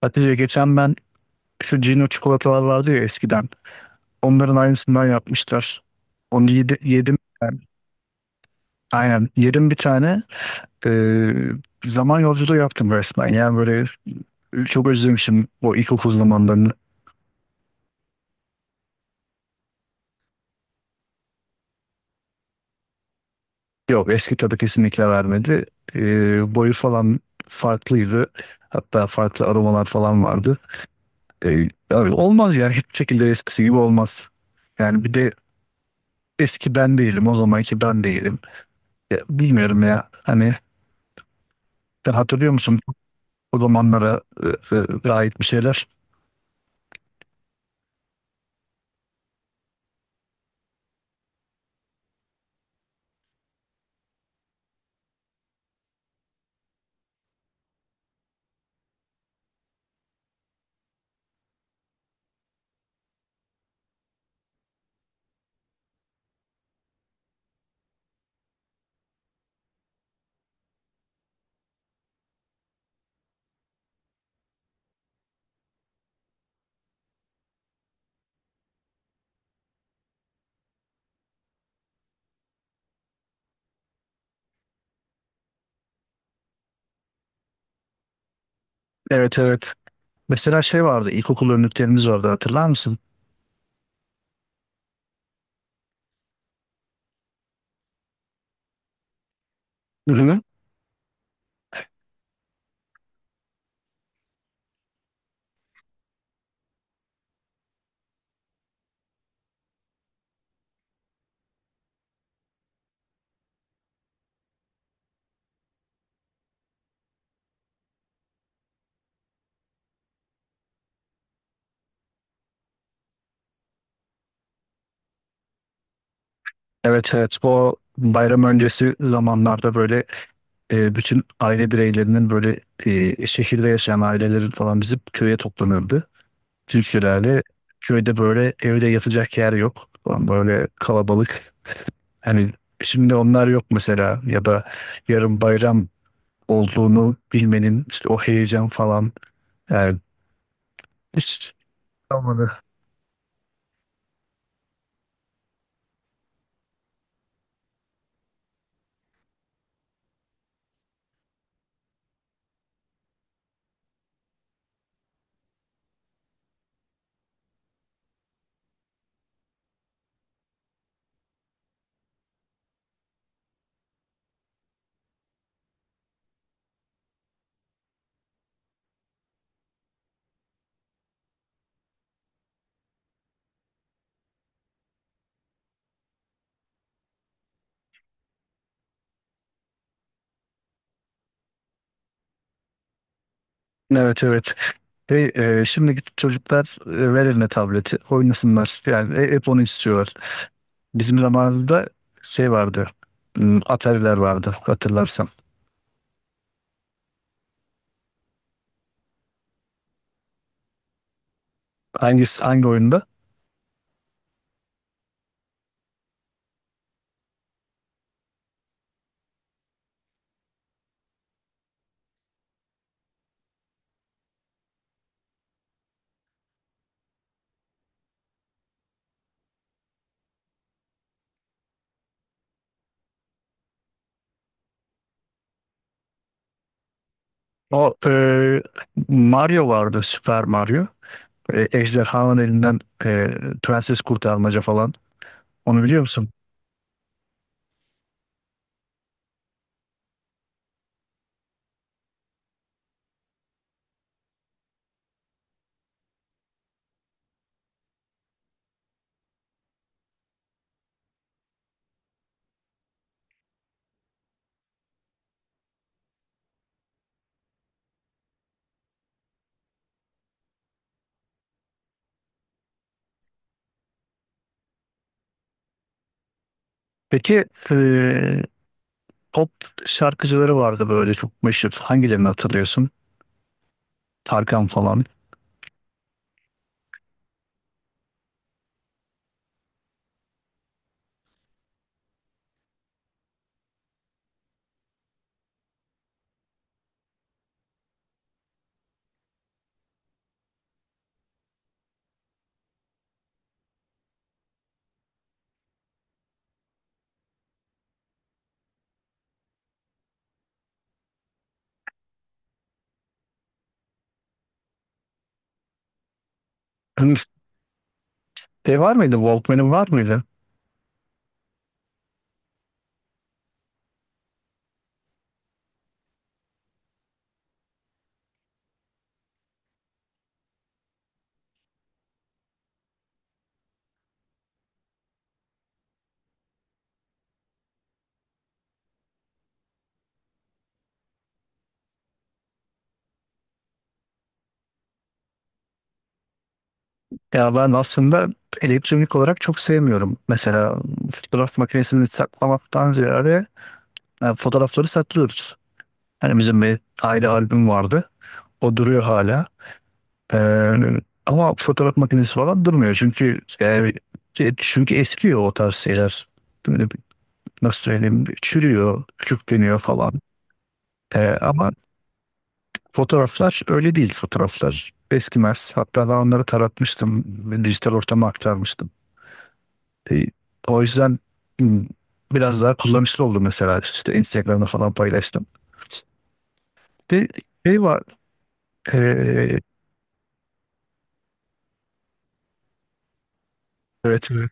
Hatice, geçen ben şu Cino çikolatalar vardı ya eskiden. Onların aynısından yapmışlar. Onu yedim ben. Aynen, yedim bir tane. Ee, Zaman yolculuğu yaptım resmen. Yani böyle çok özlemişim o ilkokul zamanlarını. Yok, eski tadı kesinlikle vermedi. Boyu falan farklıydı. Hatta farklı aromalar falan vardı. Abi, olmaz yani, hiçbir şekilde eskisi gibi olmaz. Yani bir de eski ben değilim, o zamanki ben değilim. Ya, bilmiyorum ya. Hani sen hatırlıyor musun o zamanlara ait bir şeyler? Evet, evet. Mesela şey vardı, ilkokul önlüklerimiz vardı, hatırlar mısın? Ürünü. Evet, evet, bu bayram öncesi zamanlarda böyle, bütün aile bireylerinin böyle, şehirde yaşayan ailelerin falan bizim köye toplanırdı. Türkülerle köyde, böyle evde yatacak yer yok falan, böyle kalabalık. Hani şimdi onlar yok mesela, ya da yarın bayram olduğunu bilmenin işte o heyecan falan, yani hiç kalmadı. Evet, evet. Hey, şimdiki çocuklar, ver eline tableti oynasınlar. Yani hep onu istiyorlar. Bizim zamanımızda şey vardı. Atari'ler vardı, hatırlarsam. Hangisi, hangi oyunda? O Mario vardı, Super Mario. Ejderhanın elinden prenses kurtarmaca falan. Onu biliyor musun? Peki, e, pop şarkıcıları vardı böyle çok meşhur. Hangilerini hatırlıyorsun? Tarkan falan. Şey var mıydı? Walkman'in var mıydı? Ya ben aslında elektronik olarak çok sevmiyorum. Mesela fotoğraf makinesini saklamaktan ziyade, yani fotoğrafları saklıyoruz. Hani bizim bir aile albüm vardı. O duruyor hala. Ee, Ama fotoğraf makinesi falan durmuyor. Çünkü yani, çünkü eskiyor o tarz şeyler. Böyle nasıl söyleyeyim? Çürüyor, küçükleniyor falan. Ama fotoğraflar öyle değil, fotoğraflar eskimez. Hatta ben onları taratmıştım ve dijital ortama aktarmıştım. E, O yüzden hmm, biraz daha kullanışlı oldu, mesela işte Instagram'da falan paylaştım. Bir şey var. E, evet, evet.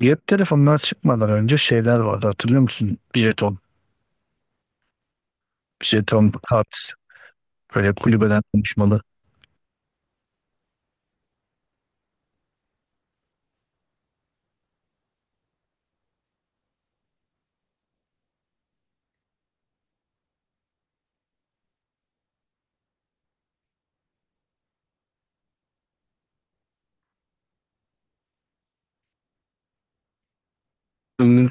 Cep telefonlar çıkmadan önce şeyler vardı, hatırlıyor musun? Jeton kart, böyle kulübeden konuşmalı. Hmm,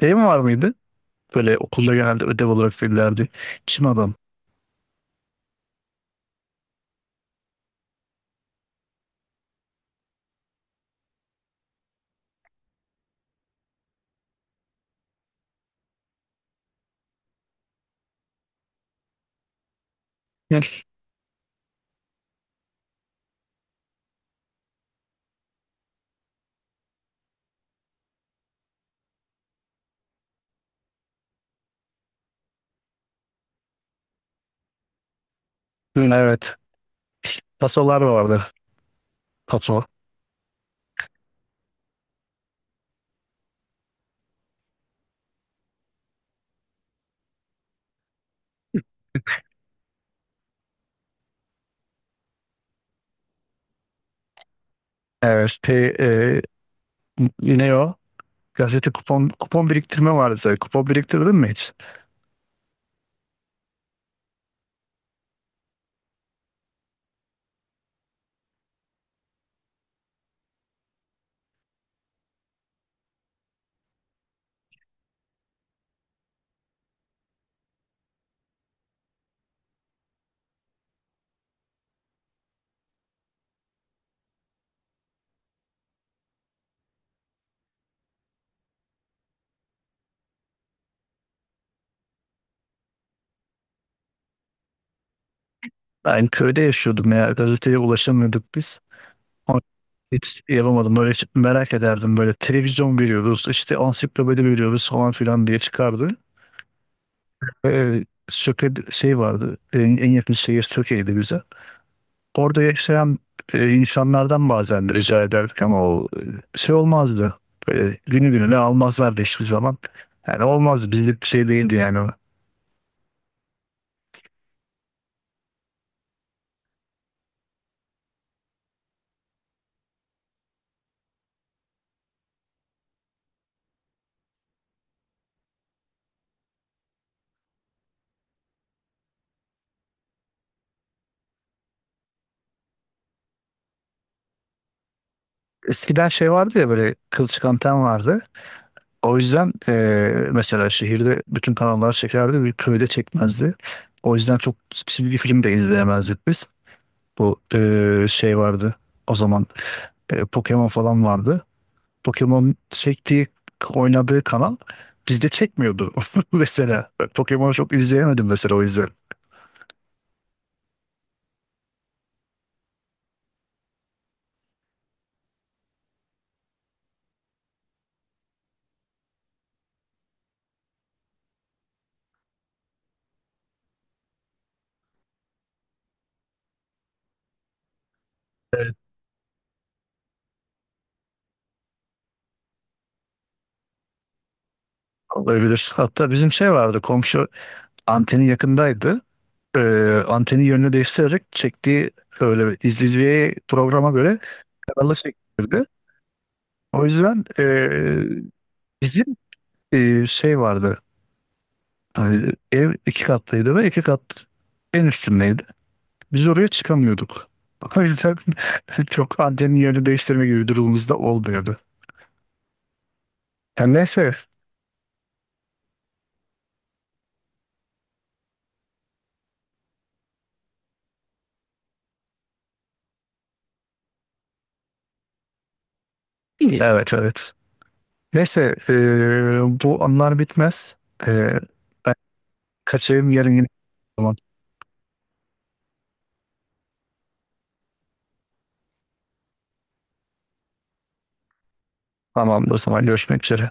Şey mi var mıydı? Böyle okulda genelde ödev olarak verirlerdi. Çim adam. Gel. Hmm. Evet. Tasolar vardı. Taso. Evet. E, Ne o? Gazete kupon kupon biriktirme vardı. Kupon biriktirdin mi hiç? Ben köyde yaşıyordum ya. Gazeteye ulaşamıyorduk biz. Ama hiç yapamadım. Böyle hiç merak ederdim. Böyle televizyon veriyoruz, işte ansiklopedi veriyoruz falan filan diye çıkardı. Söke şey vardı. En yakın şehir Söke'ydi bize. Orada yaşayan insanlardan bazen rica ederdik, ama o şey olmazdı. Böyle günü gününe almazlardı hiçbir zaman. Yani olmazdı. Bizlik bir şey değildi yani o. Eskiden şey vardı ya, böyle kılçık anten vardı. O yüzden mesela şehirde bütün kanallar çekerdi, bir köyde çekmezdi. O yüzden çok çizgi film de izleyemezdik biz. Bu şey vardı o zaman, Pokemon falan vardı. Pokemon çektiği, oynadığı kanal bizde çekmiyordu mesela. Pokemon çok izleyemedim mesela, o yüzden. Olabilir. Hatta bizim şey vardı, komşu anteni yakındaydı. Anteni yönünü değiştirerek çektiği böyle, izleyiciye programa göre kanalı çektirdi. O yüzden bizim şey vardı. Hani ev iki katlıydı ve iki kat en üstündeydi. Biz oraya çıkamıyorduk. O yüzden çok antenin yerini değiştirme gibi durumumuzda olmuyordu. Ya neyse. İyi. Evet, evet. Neyse bu anlar bitmez. Eee, Ben kaçayım yarın yine. Tamam. Tamam, o zaman görüşmek üzere.